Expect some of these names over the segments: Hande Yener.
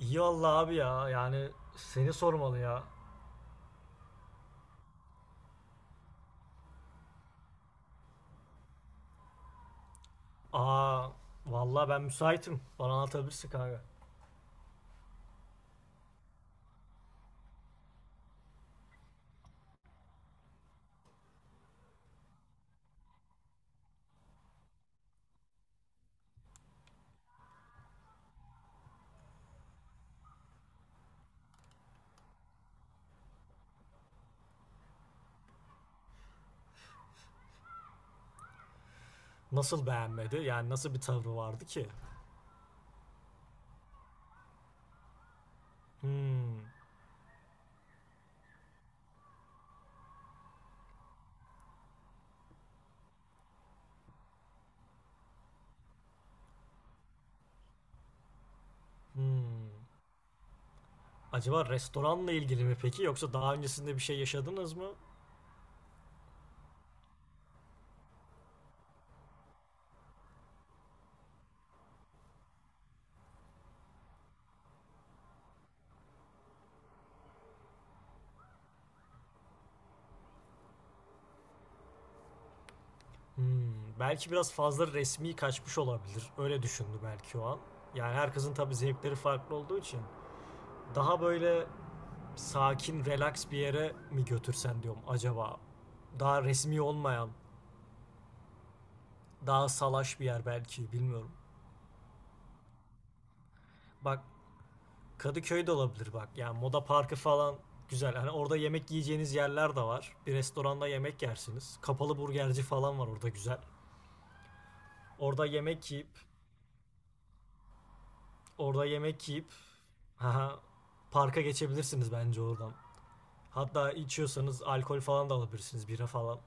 İyi valla abi ya. Yani seni sormalı ya. Aa valla ben müsaitim. Bana anlatabilirsin kanka. Nasıl beğenmedi? Yani nasıl bir tavrı vardı ki? Hmm. Hmm. Acaba restoranla ilgili mi peki yoksa daha öncesinde bir şey yaşadınız mı? Hmm. Belki biraz fazla resmi kaçmış olabilir. Öyle düşündü belki o an. Yani herkesin tabii zevkleri farklı olduğu için daha böyle sakin, relax bir yere mi götürsen diyorum acaba. Daha resmi olmayan Daha salaş bir yer belki bilmiyorum. Bak Kadıköy de olabilir bak. Yani Moda Parkı falan güzel. Hani orada yemek yiyeceğiniz yerler de var. Bir restoranda yemek yersiniz. Kapalı burgerci falan var orada güzel. Orada yemek yiyip, orada yemek yiyip haha, parka geçebilirsiniz bence oradan. Hatta içiyorsanız alkol falan da alabilirsiniz, bira falan.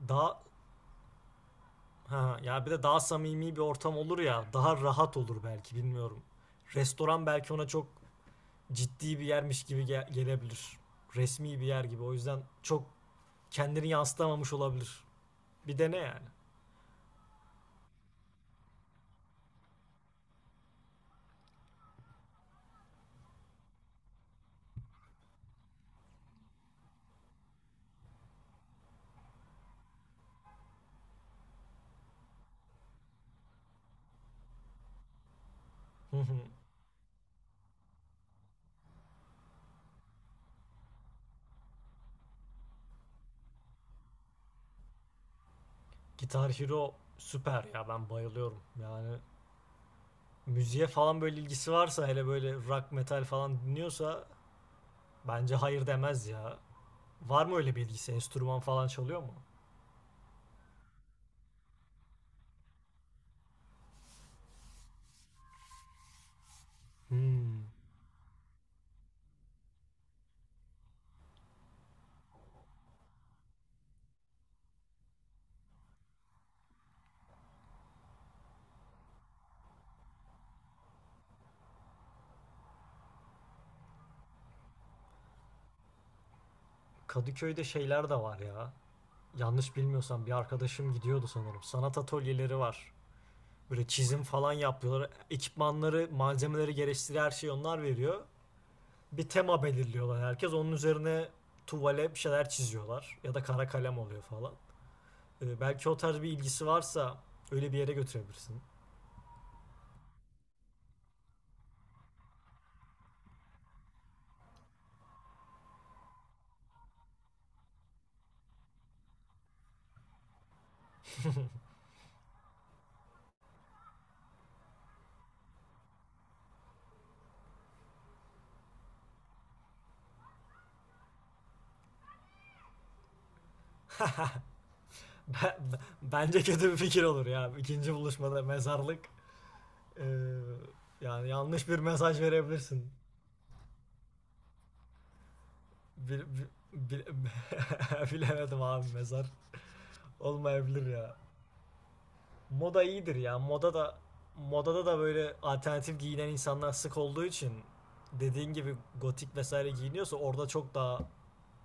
Daha ha ya, bir de daha samimi bir ortam olur ya, daha rahat olur belki bilmiyorum. Restoran belki ona çok ciddi bir yermiş gibi gelebilir. Resmi bir yer gibi. O yüzden çok kendini yansıtamamış olabilir. Bir dene yani. Guitar Hero süper ya ben bayılıyorum. Yani müziğe falan böyle ilgisi varsa hele böyle rock metal falan dinliyorsa bence hayır demez ya. Var mı öyle bir ilgisi? Enstrüman falan çalıyor mu? Hmm. Kadıköy'de şeyler de var ya. Yanlış bilmiyorsam bir arkadaşım gidiyordu sanırım. Sanat atölyeleri var. Böyle çizim falan yapıyorlar. Ekipmanları, malzemeleri gerektiği her şeyi onlar veriyor. Bir tema belirliyorlar herkes. Onun üzerine tuvale bir şeyler çiziyorlar. Ya da kara kalem oluyor falan. Belki o tarz bir ilgisi varsa öyle bir yere götürebilirsin. Bence kötü bir fikir olur ya. İkinci buluşmada mezarlık. Ee, yani yanlış bir mesaj verebilirsin. Bil- bil- bil- bilemedim abi mezar. Olmayabilir ya. Moda iyidir ya. Modada da böyle alternatif giyinen insanlar sık olduğu için dediğin gibi gotik vesaire giyiniyorsa orada çok daha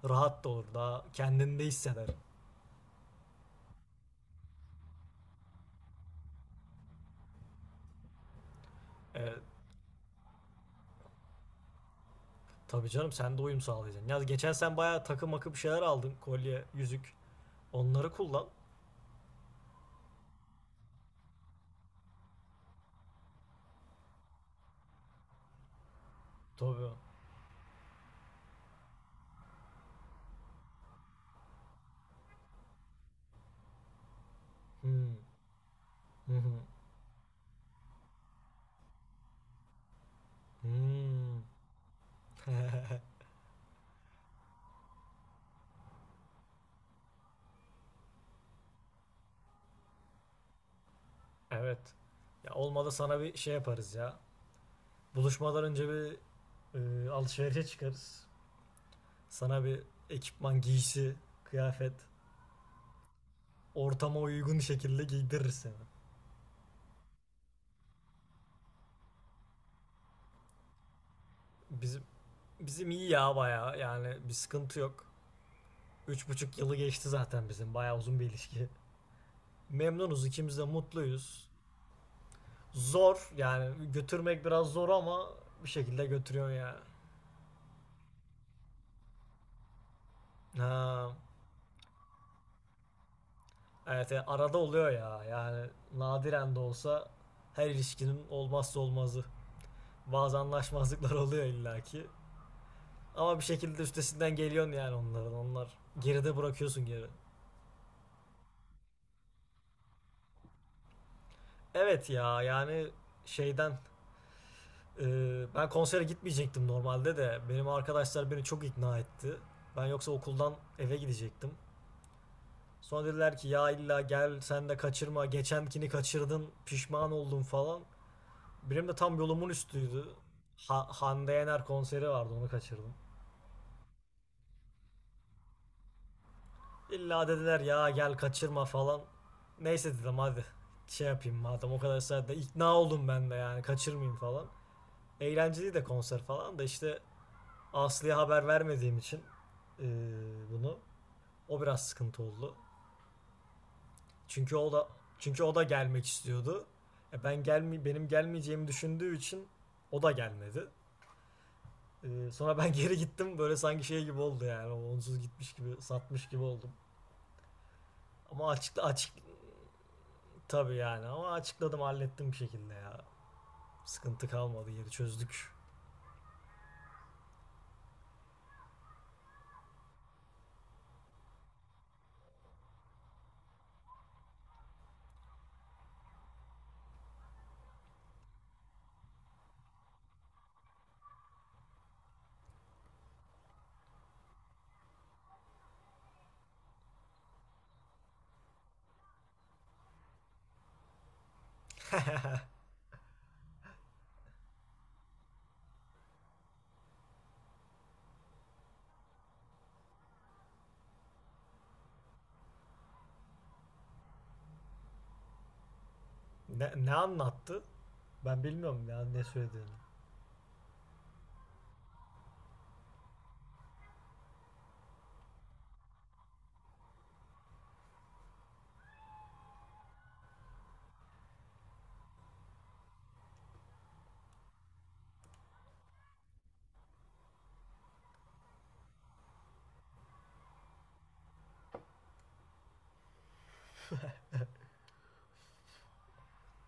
rahat da olur. Daha kendinde hisseder. E, tabii canım sen de uyum sağlayacaksın. Ya geçen sen bayağı takı makı bir şeyler aldın. Kolye, yüzük. Onları kullan. Tabii. Hmm. Hı hı. Hmm. Evet. Ya olmadı sana bir şey yaparız ya. Buluşmadan önce bir alışverişe çıkarız. Sana bir ekipman, giysi, kıyafet, ortama uygun şekilde giydiririz seni. Bizim bizim iyi ya bayağı yani bir sıkıntı yok. 3,5 yılı geçti zaten bizim bayağı uzun bir ilişki. Memnunuz ikimiz de mutluyuz. Zor yani götürmek biraz zor ama bir şekilde götürüyor ya. Ha, evet yani arada oluyor ya yani nadiren de olsa her ilişkinin olmazsa olmazı. Bazı anlaşmazlıklar oluyor illaki. Ama bir şekilde üstesinden geliyorsun yani onların. Onlar geride bırakıyorsun geri. Evet ya yani şeyden e, ben konsere gitmeyecektim normalde de benim arkadaşlar beni çok ikna etti. Ben yoksa okuldan eve gidecektim. Sonra dediler ki ya illa gel sen de kaçırma geçenkini kaçırdın pişman oldun falan. Benim de tam yolumun üstüydü. Hande Yener konseri vardı onu kaçırdım. İlla dediler ya gel kaçırma falan. Neyse dedim hadi şey yapayım madem o kadar saatte ikna oldum ben de yani kaçırmayayım falan. Eğlenceli de konser falan da işte Aslı'ya haber vermediğim için eee, bunu o biraz sıkıntı oldu. Çünkü o da çünkü o da gelmek istiyordu. Benim gelmeyeceğimi düşündüğü için o da gelmedi. Sonra ben geri gittim böyle sanki şey gibi oldu yani onsuz gitmiş gibi satmış gibi oldum. Ama açık, açık Tabii yani ama açıkladım hallettim bir şekilde ya. Sıkıntı kalmadı yeri çözdük. Ne anlattı? Ben bilmiyorum ya ne söylediğini.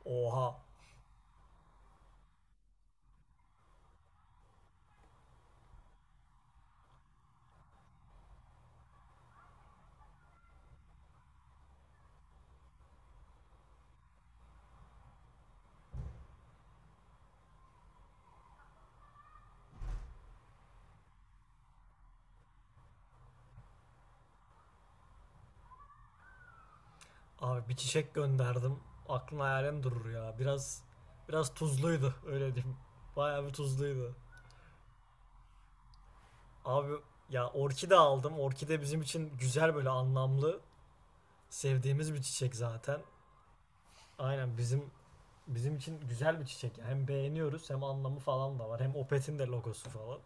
Oha. Abi bir çiçek gönderdim. Aklın hayalin durur ya. Biraz tuzluydu öyle diyeyim. Bayağı bir tuzluydu. Abi ya orkide aldım. Orkide bizim için güzel böyle anlamlı sevdiğimiz bir çiçek zaten. Aynen bizim için güzel bir çiçek. Yani hem beğeniyoruz hem anlamı falan da var. Hem Opet'in de logosu falan.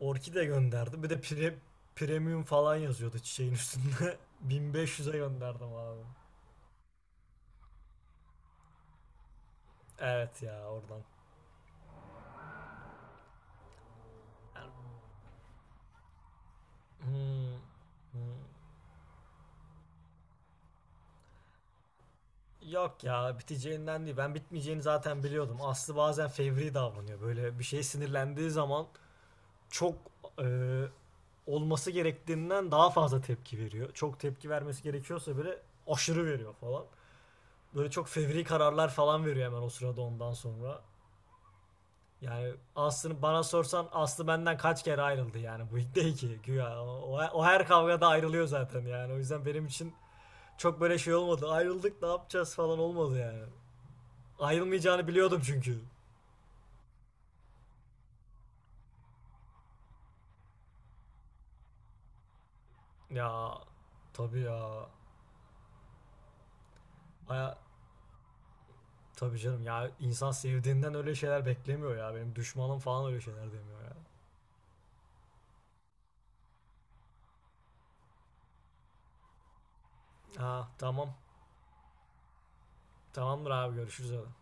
Orkide gönderdim. Bir de premium falan yazıyordu çiçeğin üstünde. 1500'e gönderdim abi. Evet ya oradan. Yani, hmm, hmm. Yok ya biteceğinden değil. Ben bitmeyeceğini zaten biliyordum. Aslı bazen fevri davranıyor. Böyle bir şey sinirlendiği zaman çok e, olması gerektiğinden daha fazla tepki veriyor. Çok tepki vermesi gerekiyorsa böyle aşırı veriyor falan. Böyle çok fevri kararlar falan veriyor hemen o sırada ondan sonra. Yani Aslı'nı bana sorsan Aslı benden kaç kere ayrıldı yani bu ilk değil ki güya. O her kavgada ayrılıyor zaten yani. O yüzden benim için çok böyle şey olmadı. Ayrıldık ne yapacağız falan olmadı yani. Ayrılmayacağını biliyordum çünkü. Ya tabii ya. Baya tabii canım ya insan sevdiğinden öyle şeyler beklemiyor ya. Benim düşmanım falan öyle şeyler demiyor ya. Ha tamam. Tamamdır abi görüşürüz hadi.